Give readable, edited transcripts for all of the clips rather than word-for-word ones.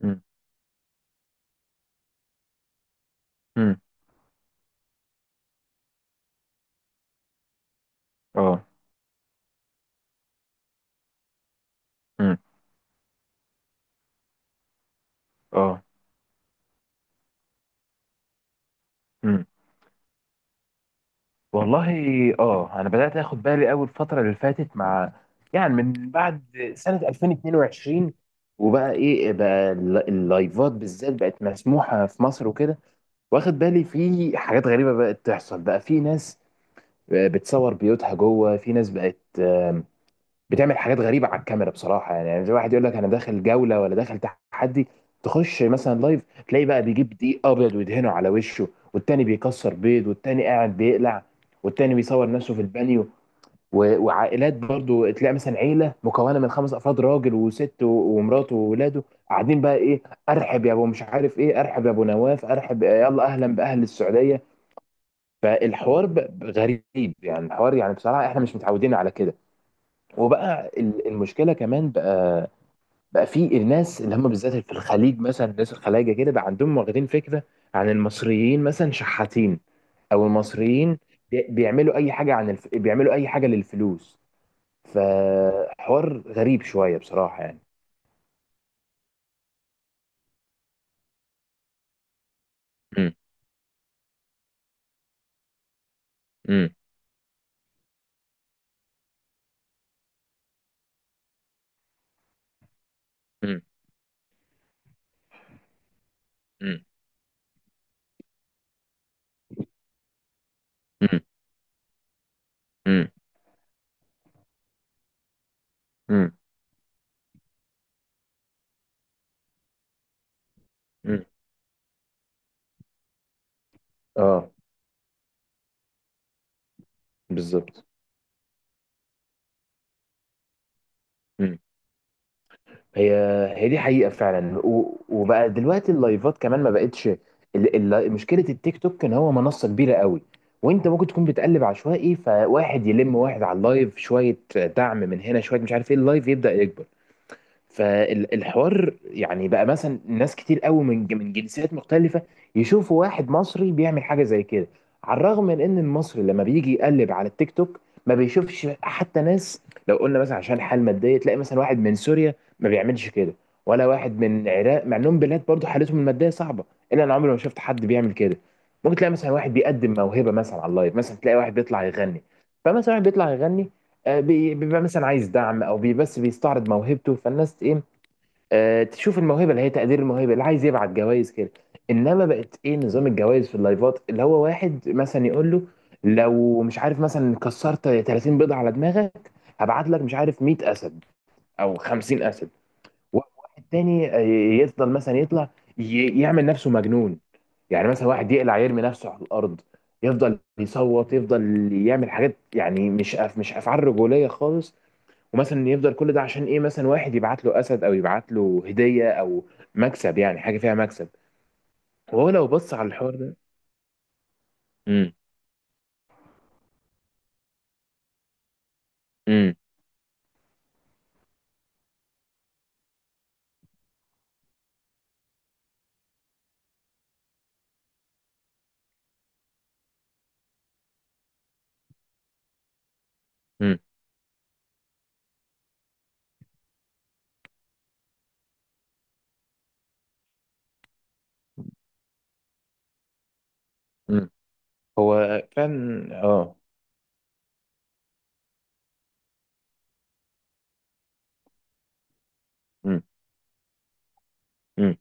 مم. مم. اه. مم. اه. مم. والله، اه، انا بدات اخد بالي قوي الفتره اللي فاتت مع، يعني، من بعد سنه 2022. وبقى ايه بقى اللايفات بالذات بقت مسموحه في مصر وكده. واخد بالي في حاجات غريبه بقت تحصل، بقى في ناس بتصور بيوتها جوه، في ناس بقت بتعمل حاجات غريبه على الكاميرا بصراحه. يعني زي واحد يقول لك انا داخل جوله، ولا داخل تحدي، تخش مثلا لايف تلاقي بقى بيجيب دقيق ابيض ويدهنه على وشه، والتاني بيكسر بيض، والتاني قاعد بيقلع، والتاني بيصور نفسه في البانيو، وعائلات برضو. تلاقي مثلا عيله مكونه من خمس افراد، راجل وست ومراته وولاده قاعدين بقى ايه؟ ارحب يا ابو مش عارف ايه، ارحب يا ابو نواف، ارحب، يلا اهلا باهل السعوديه. فالحوار غريب يعني، الحوار يعني بصراحه احنا مش متعودين على كده. وبقى المشكله كمان، بقى في الناس اللي هم بالذات في الخليج، مثلا الناس الخلايجه كده بقى عندهم واخدين فكره عن المصريين مثلا شحاتين، او المصريين بيعملوا اي حاجه، بيعملوا اي حاجه للفلوس. فحوار غريب شويه بصراحه يعني. مم. مم. مم. مم. مم. مم. مم. اه، بالظبط. مم. هي هي دي حقيقة فعلا، وبقى دلوقتي اللايفات كمان ما بقتش. مشكلة التيك توك ان هو منصة كبيرة قوي، وانت ممكن تكون بتقلب عشوائي فواحد يلم واحد على اللايف شوية، دعم من هنا شوية، مش عارف ايه، اللايف يبدأ يكبر. فالحوار يعني بقى مثلا ناس كتير قوي من جنسيات مختلفة يشوفوا واحد مصري بيعمل حاجة زي كده. على الرغم من ان المصري لما بيجي يقلب على التيك توك ما بيشوفش حتى ناس. لو قلنا مثلا عشان حال مادية، تلاقي مثلا واحد من سوريا ما بيعملش كده، ولا واحد من العراق، مع انهم بلاد برضه حالتهم المادية صعبة، الا انا عمري ما شفت حد بيعمل كده. ممكن تلاقي مثلا واحد بيقدم موهبة مثلا على اللايف، مثلا تلاقي واحد بيطلع يغني. فمثلا واحد بيطلع يغني، بيبقى مثلا عايز دعم، او بس بيستعرض موهبته، فالناس ايه، تشوف الموهبه اللي هي تقدير الموهبه، اللي عايز يبعت جوائز كده. انما بقت ايه نظام الجوائز في اللايفات، اللي هو واحد مثلا يقول له لو مش عارف مثلا كسرت 30 بيضه على دماغك هبعت لك مش عارف 100 اسد او 50 اسد. واحد تاني يفضل مثلا يطلع، يعمل نفسه مجنون، يعني مثلا واحد يقلع يرمي نفسه على الارض، يفضل يصوت، يفضل يعمل حاجات، يعني مش أف، مش افعال رجوليه خالص. ومثلا يفضل كل ده عشان ايه؟ مثلا واحد يبعت له اسد، او يبعت له هديه، او مكسب، يعني حاجه فيها مكسب، وهو لو بص على الحوار ده. امم. امم. امم. امم. هو فعلا، اه. امم. امم.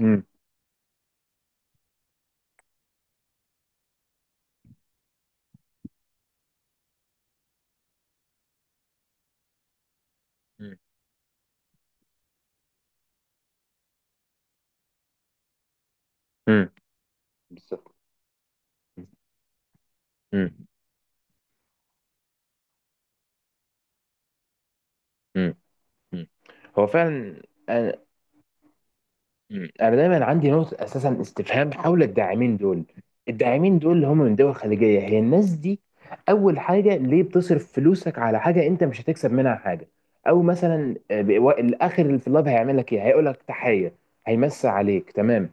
امم. امم. امم. بالظبط. امم. امم. امم. هو فعلا. مم. انا دايما عندي نقطه اساسا استفهام حول الداعمين دول. الداعمين دول اللي هم من دول خليجيه، هي الناس دي. اول حاجه، ليه بتصرف فلوسك على حاجه انت مش هتكسب منها حاجه؟ او مثلا الاخر اللي في اللاب هيعمل لك ايه؟ هيقول لك تحيه، هيمسي عليك، تمام.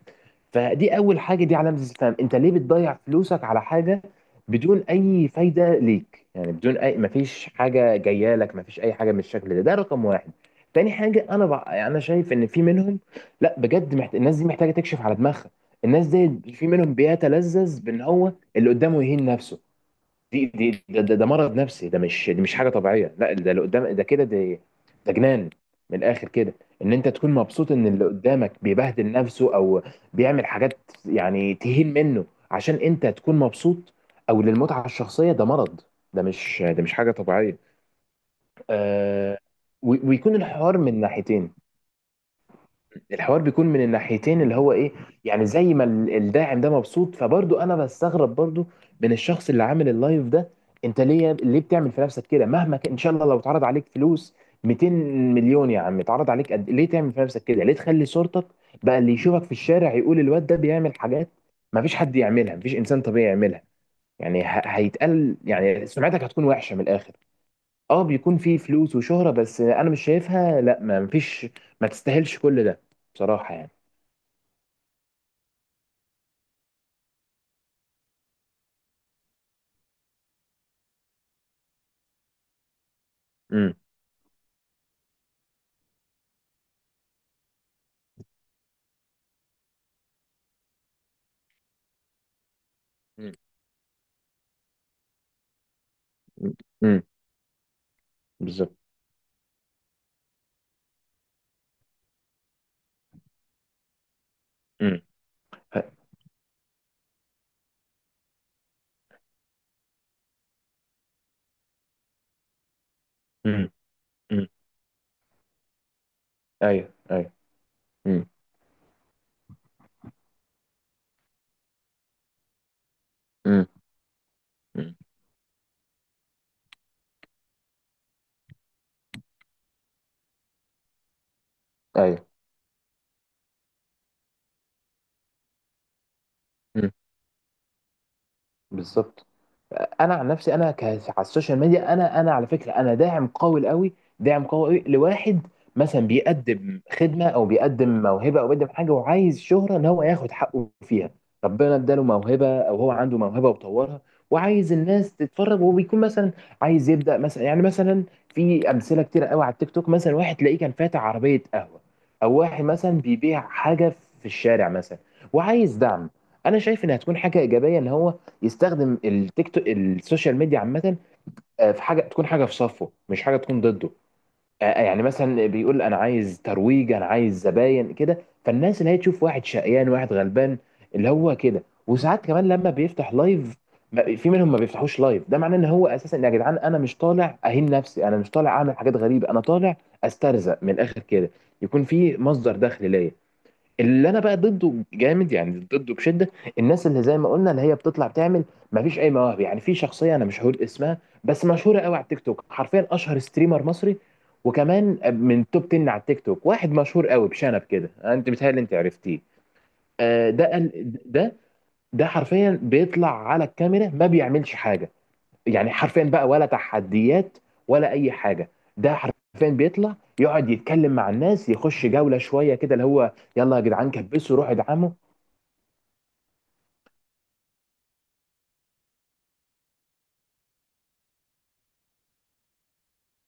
فدي اول حاجه، دي علامه استفهام. انت ليه بتضيع فلوسك على حاجه بدون اي فايده ليك يعني، بدون اي، مفيش حاجه جايه لك، مفيش اي حاجه من الشكل ده، ده رقم واحد. تاني حاجه انا بقى، انا شايف ان في منهم، لا بجد الناس دي محتاجه تكشف على دماغها. الناس دي في منهم بيتلذذ بان هو اللي قدامه يهين نفسه. ده مرض نفسي. ده مش، دي مش حاجه طبيعيه. لا ده اللي قدام ده كده، ده ده جنان من الاخر كده. ان انت تكون مبسوط ان اللي قدامك بيبهدل نفسه، او بيعمل حاجات يعني تهين منه عشان انت تكون مبسوط، او للمتعه الشخصيه، ده مرض، ده مش، ده مش حاجه طبيعيه. آه... ويكون الحوار من ناحيتين. الحوار بيكون من الناحيتين اللي هو ايه، يعني زي ما الداعم ده مبسوط، فبرضه انا بستغرب برضه من الشخص اللي عامل اللايف ده. انت ليه بتعمل في نفسك كده؟ مهما كان، ان شاء الله لو اتعرض عليك فلوس 200 مليون يا عم، اتعرض عليك قد إيه؟ ليه تعمل في نفسك كده؟ ليه تخلي صورتك بقى اللي يشوفك في الشارع يقول الواد ده بيعمل حاجات ما فيش حد يعملها، ما فيش انسان طبيعي يعملها؟ يعني هيتقال يعني، سمعتك هتكون وحشة من الاخر. اه بيكون في فلوس وشهرة، بس انا مش شايفها، لا ما فيش، ما تستاهلش كل ده بصراحة يعني. امم. امم. امم. بالظبط. امم. امم. امم. ايوه، ايوه. امم. امم. امم. ايوه. امم. بالظبط. انا عن نفسي، انا على السوشيال ميديا انا على فكره انا داعم قوي قوي لواحد مثلا بيقدم خدمه، او بيقدم موهبه، او بيقدم حاجه وعايز شهره ان هو ياخد حقه فيها. ربنا اداله موهبه او هو عنده موهبه وطورها، وعايز الناس تتفرج، وبيكون مثلا عايز يبدا مثلا يعني، مثلا في امثله كتير قوي على التيك توك، مثلا واحد تلاقيه كان فاتح عربيه قهوه، او واحد مثلا بيبيع حاجه في الشارع مثلا، وعايز دعم. انا شايف ان هتكون حاجه ايجابيه ان هو يستخدم السوشيال ميديا عامة، في حاجة تكون حاجة في صفه مش حاجة تكون ضده. يعني مثلا بيقول أنا عايز ترويج، أنا عايز زباين كده، فالناس اللي هي تشوف واحد شقيان، واحد غلبان اللي هو كده. وساعات كمان لما بيفتح لايف، في منهم ما بيفتحوش لايف. ده معناه ان هو اساسا يا جدعان انا مش طالع اهين نفسي، انا مش طالع اعمل حاجات غريبه، انا طالع استرزق من الاخر كده، يكون في مصدر دخل ليا. اللي انا بقى ضده جامد يعني، ضده بشده، الناس اللي زي ما قلنا اللي هي بتطلع تعمل مفيش اي مواهب يعني. في شخصيه انا مش هقول اسمها، بس مشهوره قوي على التيك توك، حرفيا اشهر ستريمر مصري، وكمان من توب 10 على التيك توك، واحد مشهور قوي بشنب كده، انت بتهيألي انت عرفتيه. ده قال- ده ده حرفيا بيطلع على الكاميرا ما بيعملش حاجه. يعني حرفيا بقى، ولا تحديات، ولا اي حاجه، ده حرفيا بيطلع يقعد يتكلم مع الناس، يخش جوله شويه كده اللي هو، يلا يا جدعان كبسوا روحوا ادعموا.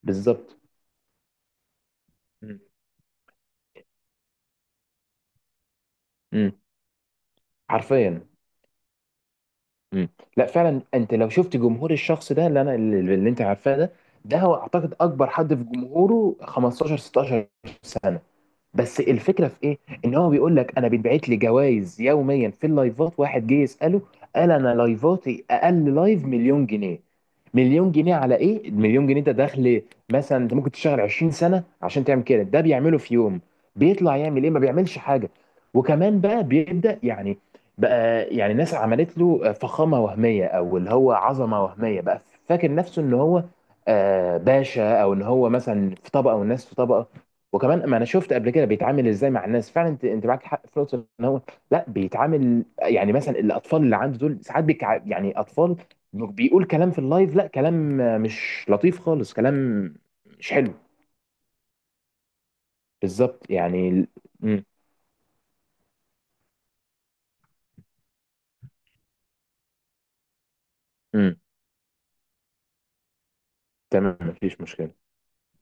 بالظبط. مم. امم. حرفيا. امم. لا فعلا انت لو شفت جمهور الشخص ده اللي انا اللي انت عارفاه ده، ده هو اعتقد اكبر حد في جمهوره 15 16. بس الفكره في ايه، ان هو بيقول لك انا بيتبعت لي جوائز يوميا في اللايفات. واحد جه يساله، قال انا لايفاتي اقل لايف مليون جنيه. مليون جنيه على ايه؟ مليون جنيه ده دخل، مثلا انت ممكن تشتغل 20 سنه عشان تعمل كده، ده بيعمله في يوم. بيطلع يعمل ايه؟ ما بيعملش حاجه. وكمان بقى بيبدا يعني، بقى يعني ناس عملت له فخامه وهميه، او اللي هو عظمه وهميه بقى. فاكر نفسه ان هو باشا، او ان هو مثلا في طبقه والناس في طبقه. وكمان ما انا شفت قبل كده بيتعامل ازاي مع الناس. فعلا انت، انت معاك حق في نقطه ان هو لا بيتعامل، يعني مثلا الاطفال اللي عنده دول ساعات يعني اطفال بيقول كلام في اللايف، لا كلام مش لطيف خالص، كلام مش حلو. بالظبط يعني. امم. امم. تمام، مفيش مشكله.